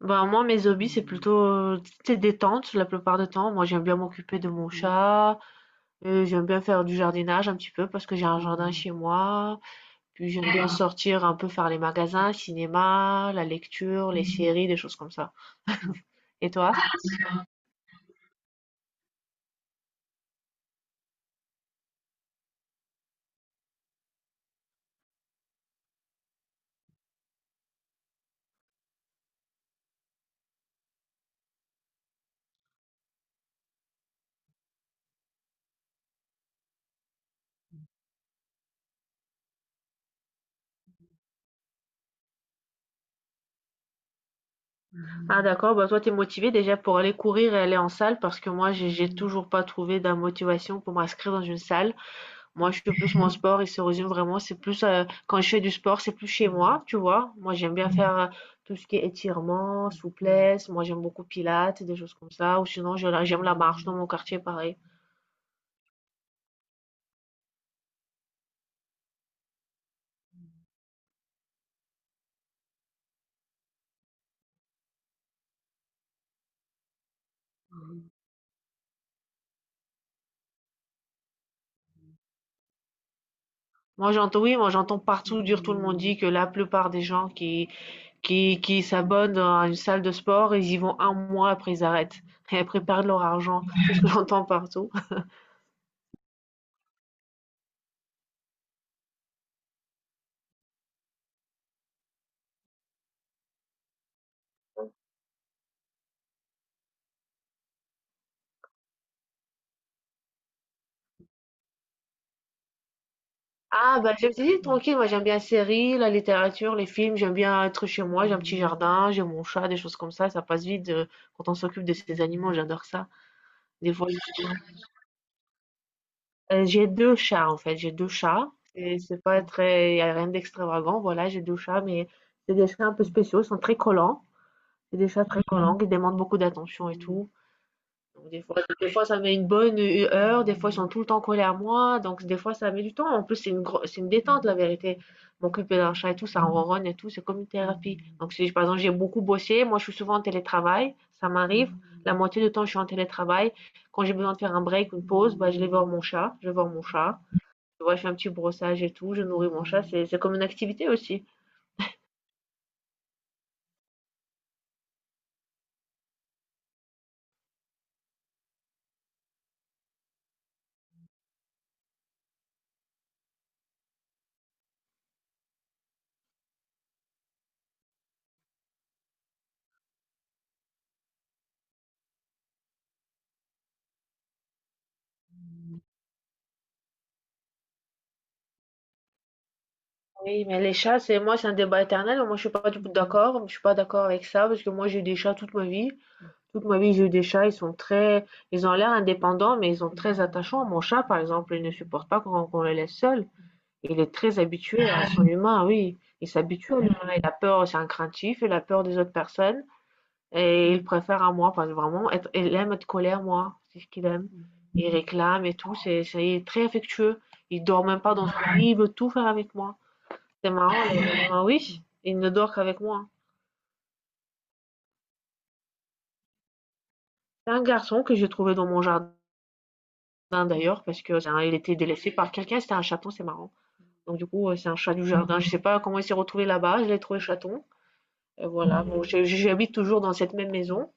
Bah, moi, mes hobbies, c'est plutôt, tu détente la plupart du temps. Moi, j'aime bien m'occuper de mon chat. J'aime bien faire du jardinage un petit peu parce que j'ai un jardin chez moi. Puis j'aime bien sortir un peu faire les magasins, cinéma, la lecture, les séries, des choses comme ça. Et toi? Ah d'accord, bah toi t'es motivée déjà pour aller courir et aller en salle parce que moi j'ai toujours pas trouvé de motivation pour m'inscrire dans une salle. Moi, je fais plus mon sport, il se résume vraiment, c'est plus quand je fais du sport, c'est plus chez moi, tu vois. Moi, j'aime bien faire tout ce qui est étirement, souplesse. Moi, j'aime beaucoup pilates, des choses comme ça. Ou sinon, j'aime la marche dans mon quartier, pareil. Moi, j'entends, oui, moi, j'entends partout dire, tout le monde dit que la plupart des gens qui s'abonnent à une salle de sport, ils y vont un mois après, ils arrêtent. Et après, ils perdent leur argent. C'est ce que j'entends partout. Ah, bah, je me suis dit, tranquille, moi j'aime bien les séries, la littérature, les films, j'aime bien être chez moi, j'ai un petit jardin, j'ai mon chat, des choses comme ça passe vite quand on s'occupe de ces animaux, j'adore ça. Des fois, j'ai deux chats en fait, j'ai deux chats, et c'est pas très, y a rien d'extravagant, voilà, j'ai deux chats, mais c'est des chats un peu spéciaux, ils sont très collants, c'est des chats très collants qui demandent beaucoup d'attention et tout. Donc des fois ça met une bonne, heure, des fois ils sont tout le temps collés à moi, donc des fois ça met du temps. En plus, c'est une gros c'est une détente la vérité. M'occuper d'un chat et tout, ça ronronne et tout, c'est comme une thérapie. Donc si par exemple j'ai beaucoup bossé, moi je suis souvent en télétravail, ça m'arrive. La moitié du temps je suis en télétravail. Quand j'ai besoin de faire un break, une pause, bah, je vais voir mon chat, je vais voir mon chat. Tu vois, je fais un petit brossage et tout, je nourris mon chat, c'est comme une activité aussi. Oui, mais les chats, c'est moi c'est un débat éternel, moi je suis pas du tout d'accord, je suis pas d'accord avec ça parce que moi j'ai eu des chats toute ma vie. Toute ma vie, j'ai eu des chats, ils sont très ils ont l'air indépendants, mais ils sont très attachants. Mon chat, par exemple, il ne supporte pas qu'on le laisse seul. Il est très habitué à son humain, oui. Il s'habitue à l'humain. Il a peur, c'est un craintif, il a peur des autres personnes. Et il préfère à moi, parce que vraiment, être, il aime être colère moi. C'est ce qu'il aime. Il réclame et tout. Il est très affectueux. Il dort même pas dans son lit, il veut tout faire avec moi. C'est marrant, oui, il ne dort qu'avec moi. C'est un garçon que j'ai trouvé dans mon jardin. Jardin d'ailleurs, parce que hein, il était délaissé par quelqu'un, c'était un chaton, c'est marrant. Donc du coup, c'est un chat du jardin. Je sais pas comment il s'est retrouvé là-bas, je l'ai trouvé chaton. Et voilà, bon, j'habite toujours dans cette même maison.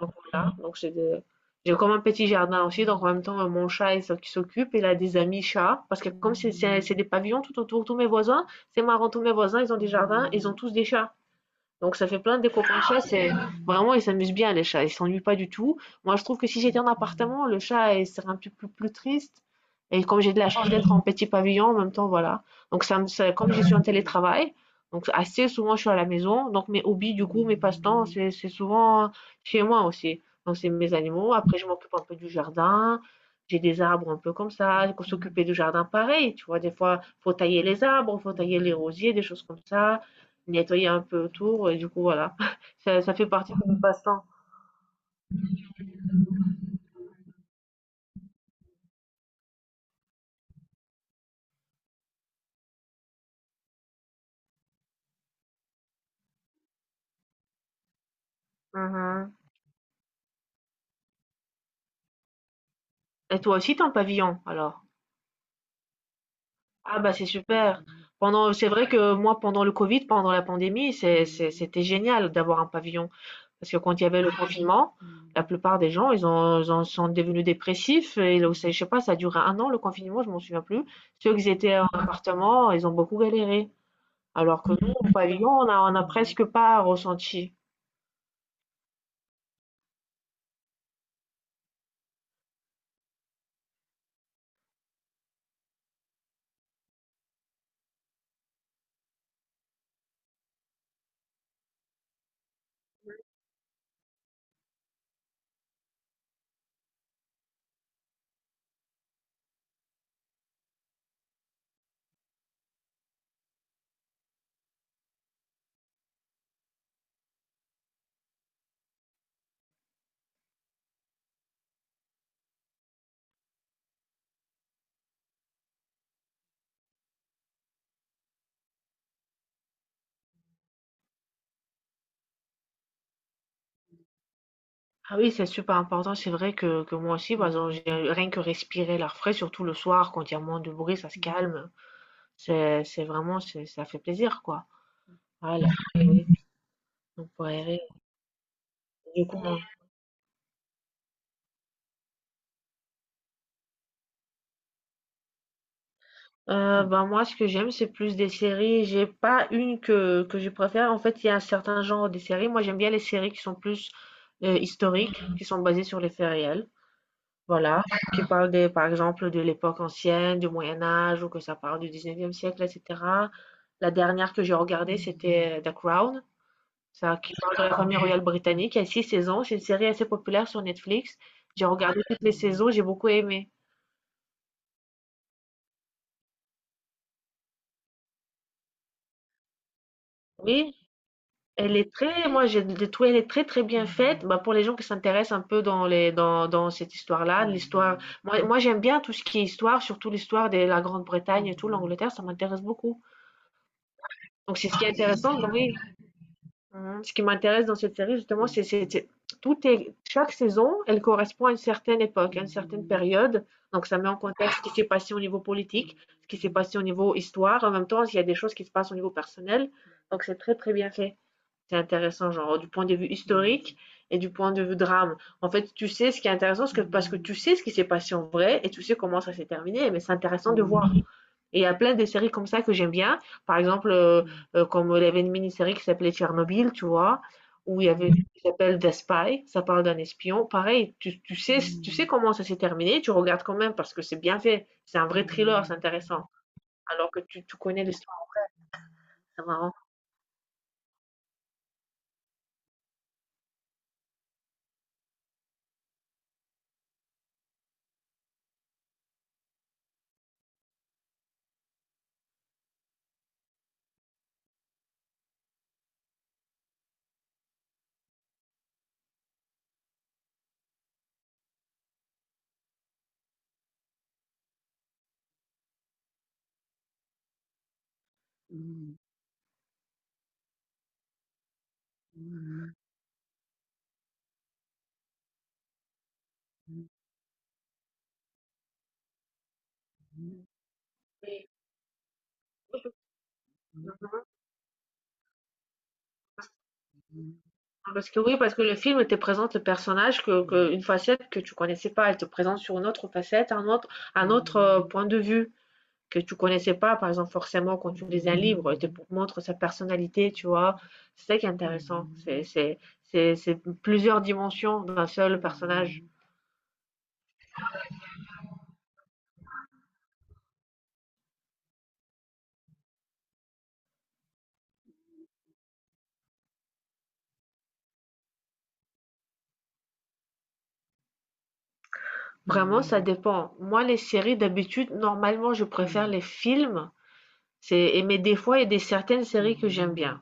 Donc voilà, donc j'ai comme un petit jardin aussi, donc en même temps, mon chat qui s'occupe, il a des amis chats, parce que comme c'est des pavillons tout autour, tous mes voisins, c'est marrant, tous mes voisins, ils ont des jardins, ils ont tous des chats. Donc ça fait plein de déco chats. C'est vraiment ils s'amusent bien les chats, ils s'ennuient pas du tout. Moi je trouve que si j'étais en appartement, le chat il serait un petit peu plus triste. Et comme j'ai de la chance d'être en petit pavillon en même temps, voilà. Donc comme je suis en télétravail, donc assez souvent je suis à la maison. Donc mes hobbies du coup, mes passe-temps, c'est souvent chez moi aussi. Donc c'est mes animaux. Après je m'occupe un peu du jardin. J'ai des arbres un peu comme ça. Il faut s'occuper du jardin pareil. Tu vois, des fois faut tailler les arbres, faut tailler les rosiers, des choses comme ça nettoyer un peu autour et du coup voilà, ça fait partie de mon passe-temps. Mhm. Et toi aussi, t'es en pavillon alors? Ah bah c'est super. Pendant, c'est vrai que moi pendant le Covid, pendant la pandémie, c'était génial d'avoir un pavillon parce que quand il y avait le confinement, la plupart des gens ils ont, ils en sont devenus dépressifs et là, je sais pas, ça a duré 1 an le confinement, je m'en souviens plus. Ceux qui étaient en appartement, ils ont beaucoup galéré. Alors que nous, au pavillon, on a presque pas ressenti. Ah oui, c'est super important. C'est vrai que moi aussi, par exemple, rien que respirer l'air frais, surtout le soir, quand il y a moins de bruit, ça se calme. Ça fait plaisir, quoi. Voilà. L'air oui. On peut aérer. Du coup, moi, bah, moi, ce que j'aime, c'est plus des séries. J'ai pas une que je préfère. En fait, il y a un certain genre de séries. Moi, j'aime bien les séries qui sont plus historiques, qui sont basées sur les faits réels. Voilà, qui parle des par exemple, de l'époque ancienne, du Moyen Âge ou que ça parle du 19e siècle et cetera. La dernière que j'ai regardée, c'était The Crown, ça qui parle de la famille royale britannique. Il y a 6 saisons, c'est une série assez populaire sur Netflix. J'ai regardé toutes les saisons, j'ai beaucoup aimé. Oui, elle est très, moi j'ai de tout, elle est très très bien faite. Bah, pour les gens qui s'intéressent un peu dans cette histoire-là, l'histoire. Moi, j'aime bien tout ce qui est histoire, surtout l'histoire de la Grande-Bretagne et tout, l'Angleterre, ça m'intéresse beaucoup. Donc c'est ce qui est intéressant. Donc, oui, Mhm. Ce qui m'intéresse dans cette série, justement, tout est, chaque saison, elle correspond à une certaine époque, à une certaine période. Donc, ça met en contexte ce qui s'est passé au niveau politique, ce qui s'est passé au niveau histoire. En même temps, il y a des choses qui se passent au niveau personnel. Donc, c'est très, très bien fait. C'est intéressant, genre, du point de vue historique et du point de vue drame. En fait, tu sais ce qui est intéressant, parce que tu sais ce qui s'est passé en vrai et tu sais comment ça s'est terminé, mais c'est intéressant de voir. Et il y a plein de séries comme ça que j'aime bien. Par exemple, comme il y avait une mini-série qui s'appelait Tchernobyl, tu vois, où il y avait une Mhm. qui s'appelle The Spy, ça parle d'un espion. Pareil, tu sais comment ça s'est terminé, tu regardes quand même parce que c'est bien fait. C'est un vrai thriller, c'est intéressant. Alors que tu connais l'histoire, c'est marrant. Oui. Parce que oui, parce que le film te présente le personnage une facette que tu connaissais pas, elle te présente sur une autre facette, un autre point de vue. Que tu connaissais pas, par exemple, forcément, quand tu lis un livre, il te montre sa personnalité, tu vois. C'est ça qui est intéressant. C'est plusieurs dimensions d'un seul personnage. Vraiment, ça dépend. Moi, les séries, d'habitude, normalement, je préfère les films. C'est, et mais des fois, il y a des certaines séries que j'aime bien,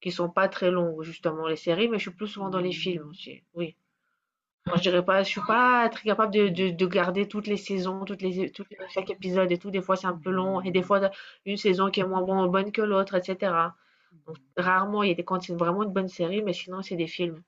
qui sont pas très longues, justement, les séries, mais je suis plus souvent dans les films aussi. Oui. Moi, je dirais pas, je suis pas très capable de garder toutes les saisons, chaque épisode et tout. Des fois, c'est un peu long et des fois, une saison qui est moins bonne que l'autre, etc. Donc, rarement, il y a des quand c'est vraiment une bonne série, mais sinon, c'est des films.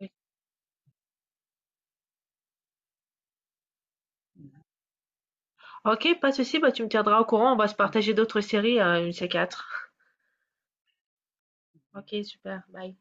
Oui. Ok, pas de souci, bah, tu me tiendras au courant. On va se partager d'autres séries, une c quatre Ok, super, bye.